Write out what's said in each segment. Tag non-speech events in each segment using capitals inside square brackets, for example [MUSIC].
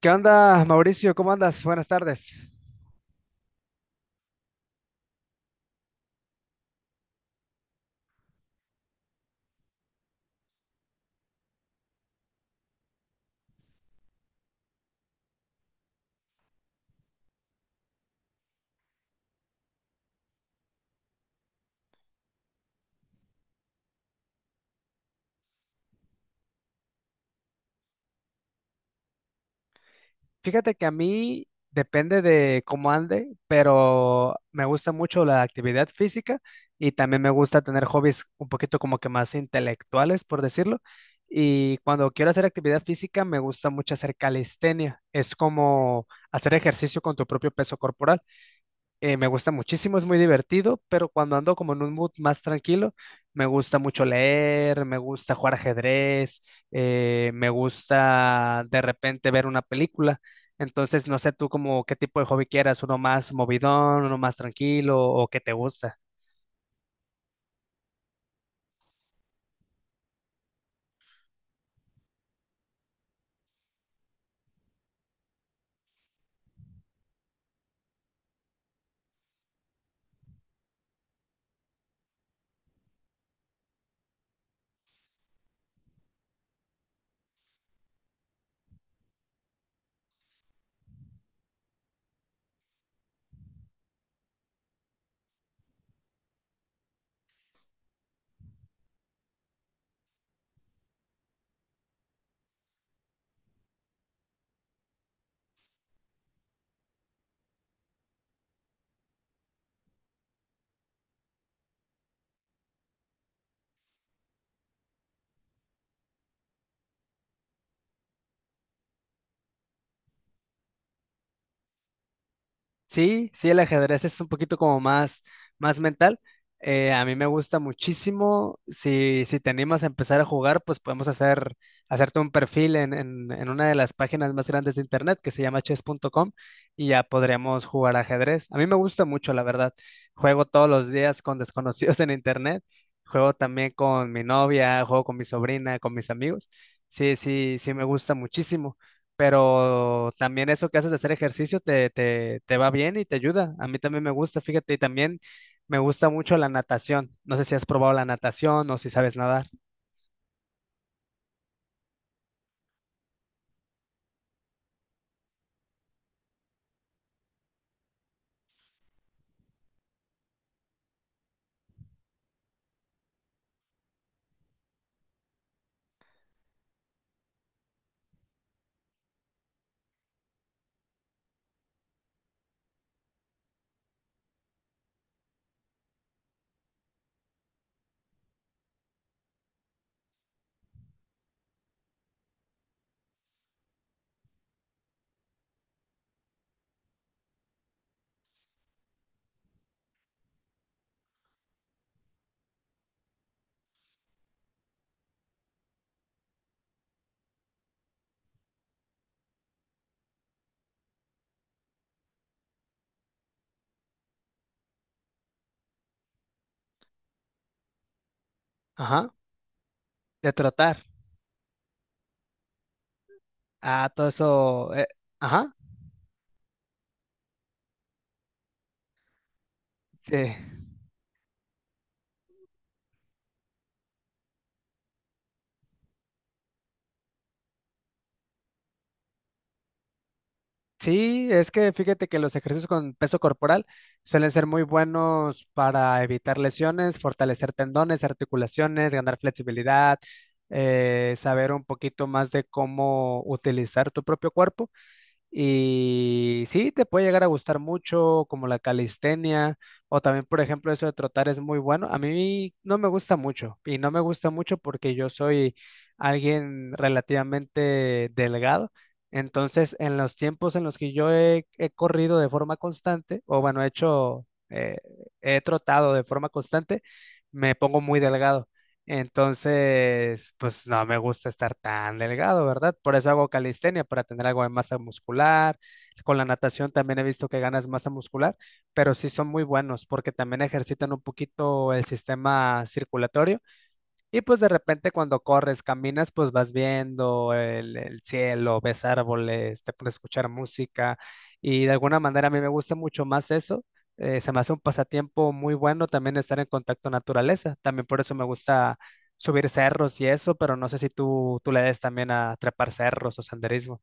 ¿Qué onda, Mauricio? ¿Cómo andas? Buenas tardes. Fíjate que a mí depende de cómo ande, pero me gusta mucho la actividad física y también me gusta tener hobbies un poquito como que más intelectuales, por decirlo. Y cuando quiero hacer actividad física, me gusta mucho hacer calistenia. Es como hacer ejercicio con tu propio peso corporal. Me gusta muchísimo, es muy divertido, pero cuando ando como en un mood más tranquilo, me gusta mucho leer, me gusta jugar ajedrez, me gusta de repente ver una película. Entonces, no sé tú como qué tipo de hobby quieras, uno más movidón, uno más tranquilo o qué te gusta. Sí, sí, el ajedrez es un poquito como más, más mental. A mí me gusta muchísimo. Si, si te animas a empezar a jugar, pues podemos hacer, hacerte un perfil en una de las páginas más grandes de internet que se llama chess.com y ya podríamos jugar ajedrez. A mí me gusta mucho, la verdad. Juego todos los días con desconocidos [LAUGHS] en internet. Juego también con mi novia, juego con mi sobrina, con mis amigos. Sí, sí, sí, me gusta muchísimo, pero también eso que haces de hacer ejercicio te va bien y te ayuda. A mí también me gusta, fíjate, y también me gusta mucho la natación. No sé si has probado la natación o si sabes nadar. Ajá, de trotar. Ah, todo eso. Ajá, sí. Sí, es que fíjate que los ejercicios con peso corporal suelen ser muy buenos para evitar lesiones, fortalecer tendones, articulaciones, ganar flexibilidad, saber un poquito más de cómo utilizar tu propio cuerpo. Y sí, te puede llegar a gustar mucho, como la calistenia, o también, por ejemplo, eso de trotar es muy bueno. A mí no me gusta mucho, y no me gusta mucho porque yo soy alguien relativamente delgado. Entonces, en los tiempos en los que yo he corrido de forma constante, o bueno, he hecho, he trotado de forma constante, me pongo muy delgado. Entonces, pues no me gusta estar tan delgado, ¿verdad? Por eso hago calistenia, para tener algo de masa muscular. Con la natación también he visto que ganas masa muscular, pero sí son muy buenos porque también ejercitan un poquito el sistema circulatorio y pues de repente cuando corres, caminas, pues vas viendo el cielo, ves árboles, te puedes escuchar música y de alguna manera a mí me gusta mucho más eso. Se me hace un pasatiempo muy bueno también estar en contacto con naturaleza. También por eso me gusta subir cerros y eso, pero no sé si tú le des también a trepar cerros o senderismo.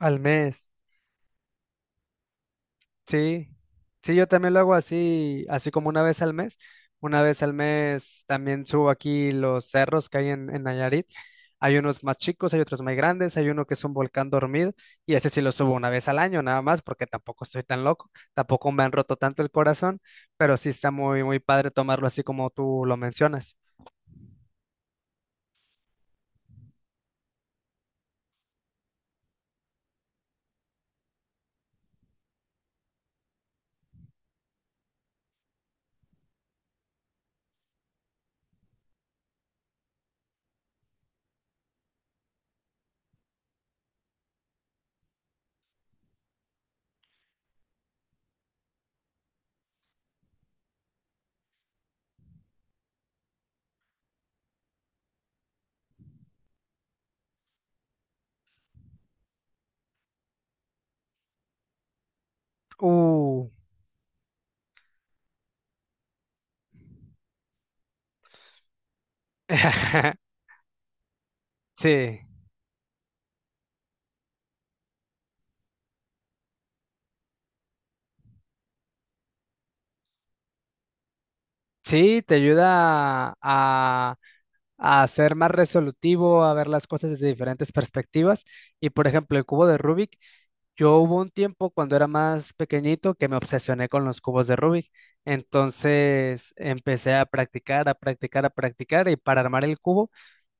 Al mes. Sí, sí, yo también lo hago así, así como una vez al mes. Una vez al mes también subo aquí los cerros que hay en Nayarit. Hay unos más chicos, hay otros más grandes, hay uno que es un volcán dormido y ese sí lo subo una vez al año nada más porque tampoco estoy tan loco, tampoco me han roto tanto el corazón, pero sí está muy, muy padre tomarlo así como tú lo mencionas. Uh, [LAUGHS] sí, sí, te ayuda a ser más resolutivo, a ver las cosas desde diferentes perspectivas. Y por ejemplo, el cubo de Rubik, yo hubo un tiempo cuando era más pequeñito que me obsesioné con los cubos de Rubik. Entonces empecé a practicar, a practicar, a practicar y para armar el cubo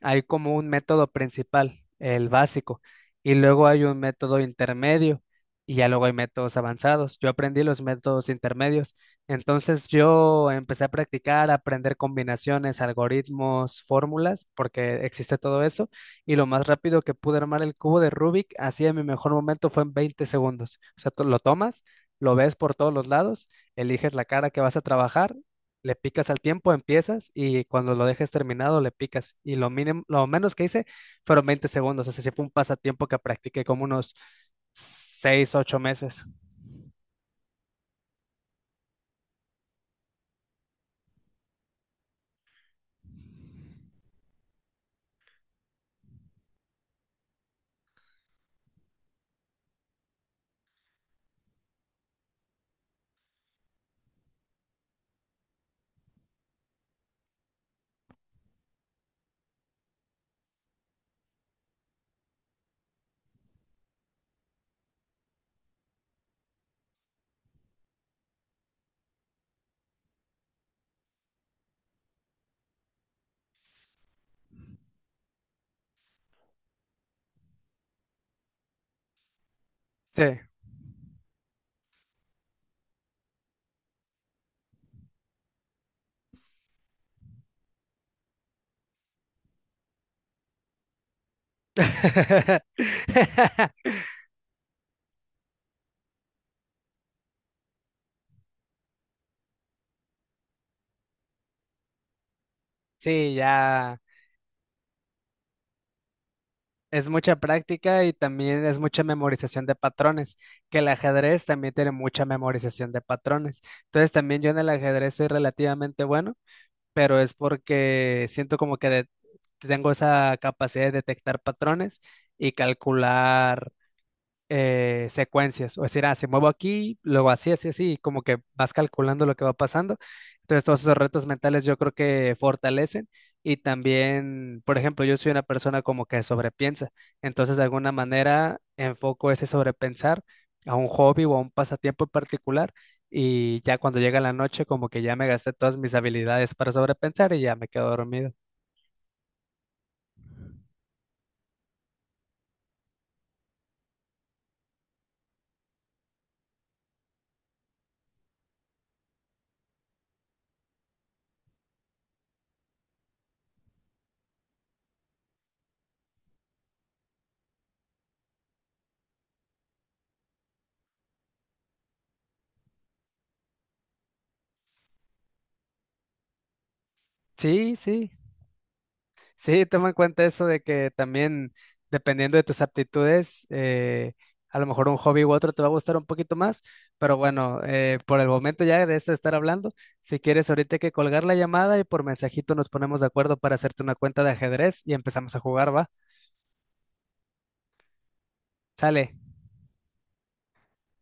hay como un método principal, el básico, y luego hay un método intermedio y ya luego hay métodos avanzados. Yo aprendí los métodos intermedios, entonces yo empecé a practicar, a aprender combinaciones, algoritmos, fórmulas, porque existe todo eso, y lo más rápido que pude armar el cubo de Rubik, así en mi mejor momento fue en 20 segundos. O sea, tú lo tomas, lo ves por todos los lados, eliges la cara que vas a trabajar, le picas al tiempo, empiezas y cuando lo dejes terminado le picas. Y lo mínimo, lo menos que hice fueron 20 segundos. Así que fue un pasatiempo que practiqué como unos 6, ocho meses. Sí. [LAUGHS] Sí, ya es mucha práctica y también es mucha memorización de patrones, que el ajedrez también tiene mucha memorización de patrones. Entonces también yo en el ajedrez soy relativamente bueno, pero es porque siento como que tengo esa capacidad de detectar patrones y calcular secuencias, o decir, ah, se muevo aquí, luego así, así, así, y como que vas calculando lo que va pasando. Entonces, todos esos retos mentales yo creo que fortalecen y también, por ejemplo, yo soy una persona como que sobrepiensa, entonces de alguna manera enfoco ese sobrepensar a un hobby o a un pasatiempo en particular y ya cuando llega la noche como que ya me gasté todas mis habilidades para sobrepensar y ya me quedo dormido. Sí, sí. Sí, toma en cuenta eso de que también dependiendo de tus aptitudes, a lo mejor un hobby u otro te va a gustar un poquito más, pero bueno, por el momento ya de esto de estar hablando, si quieres ahorita hay que colgar la llamada y por mensajito nos ponemos de acuerdo para hacerte una cuenta de ajedrez y empezamos a jugar, ¿va? Sale.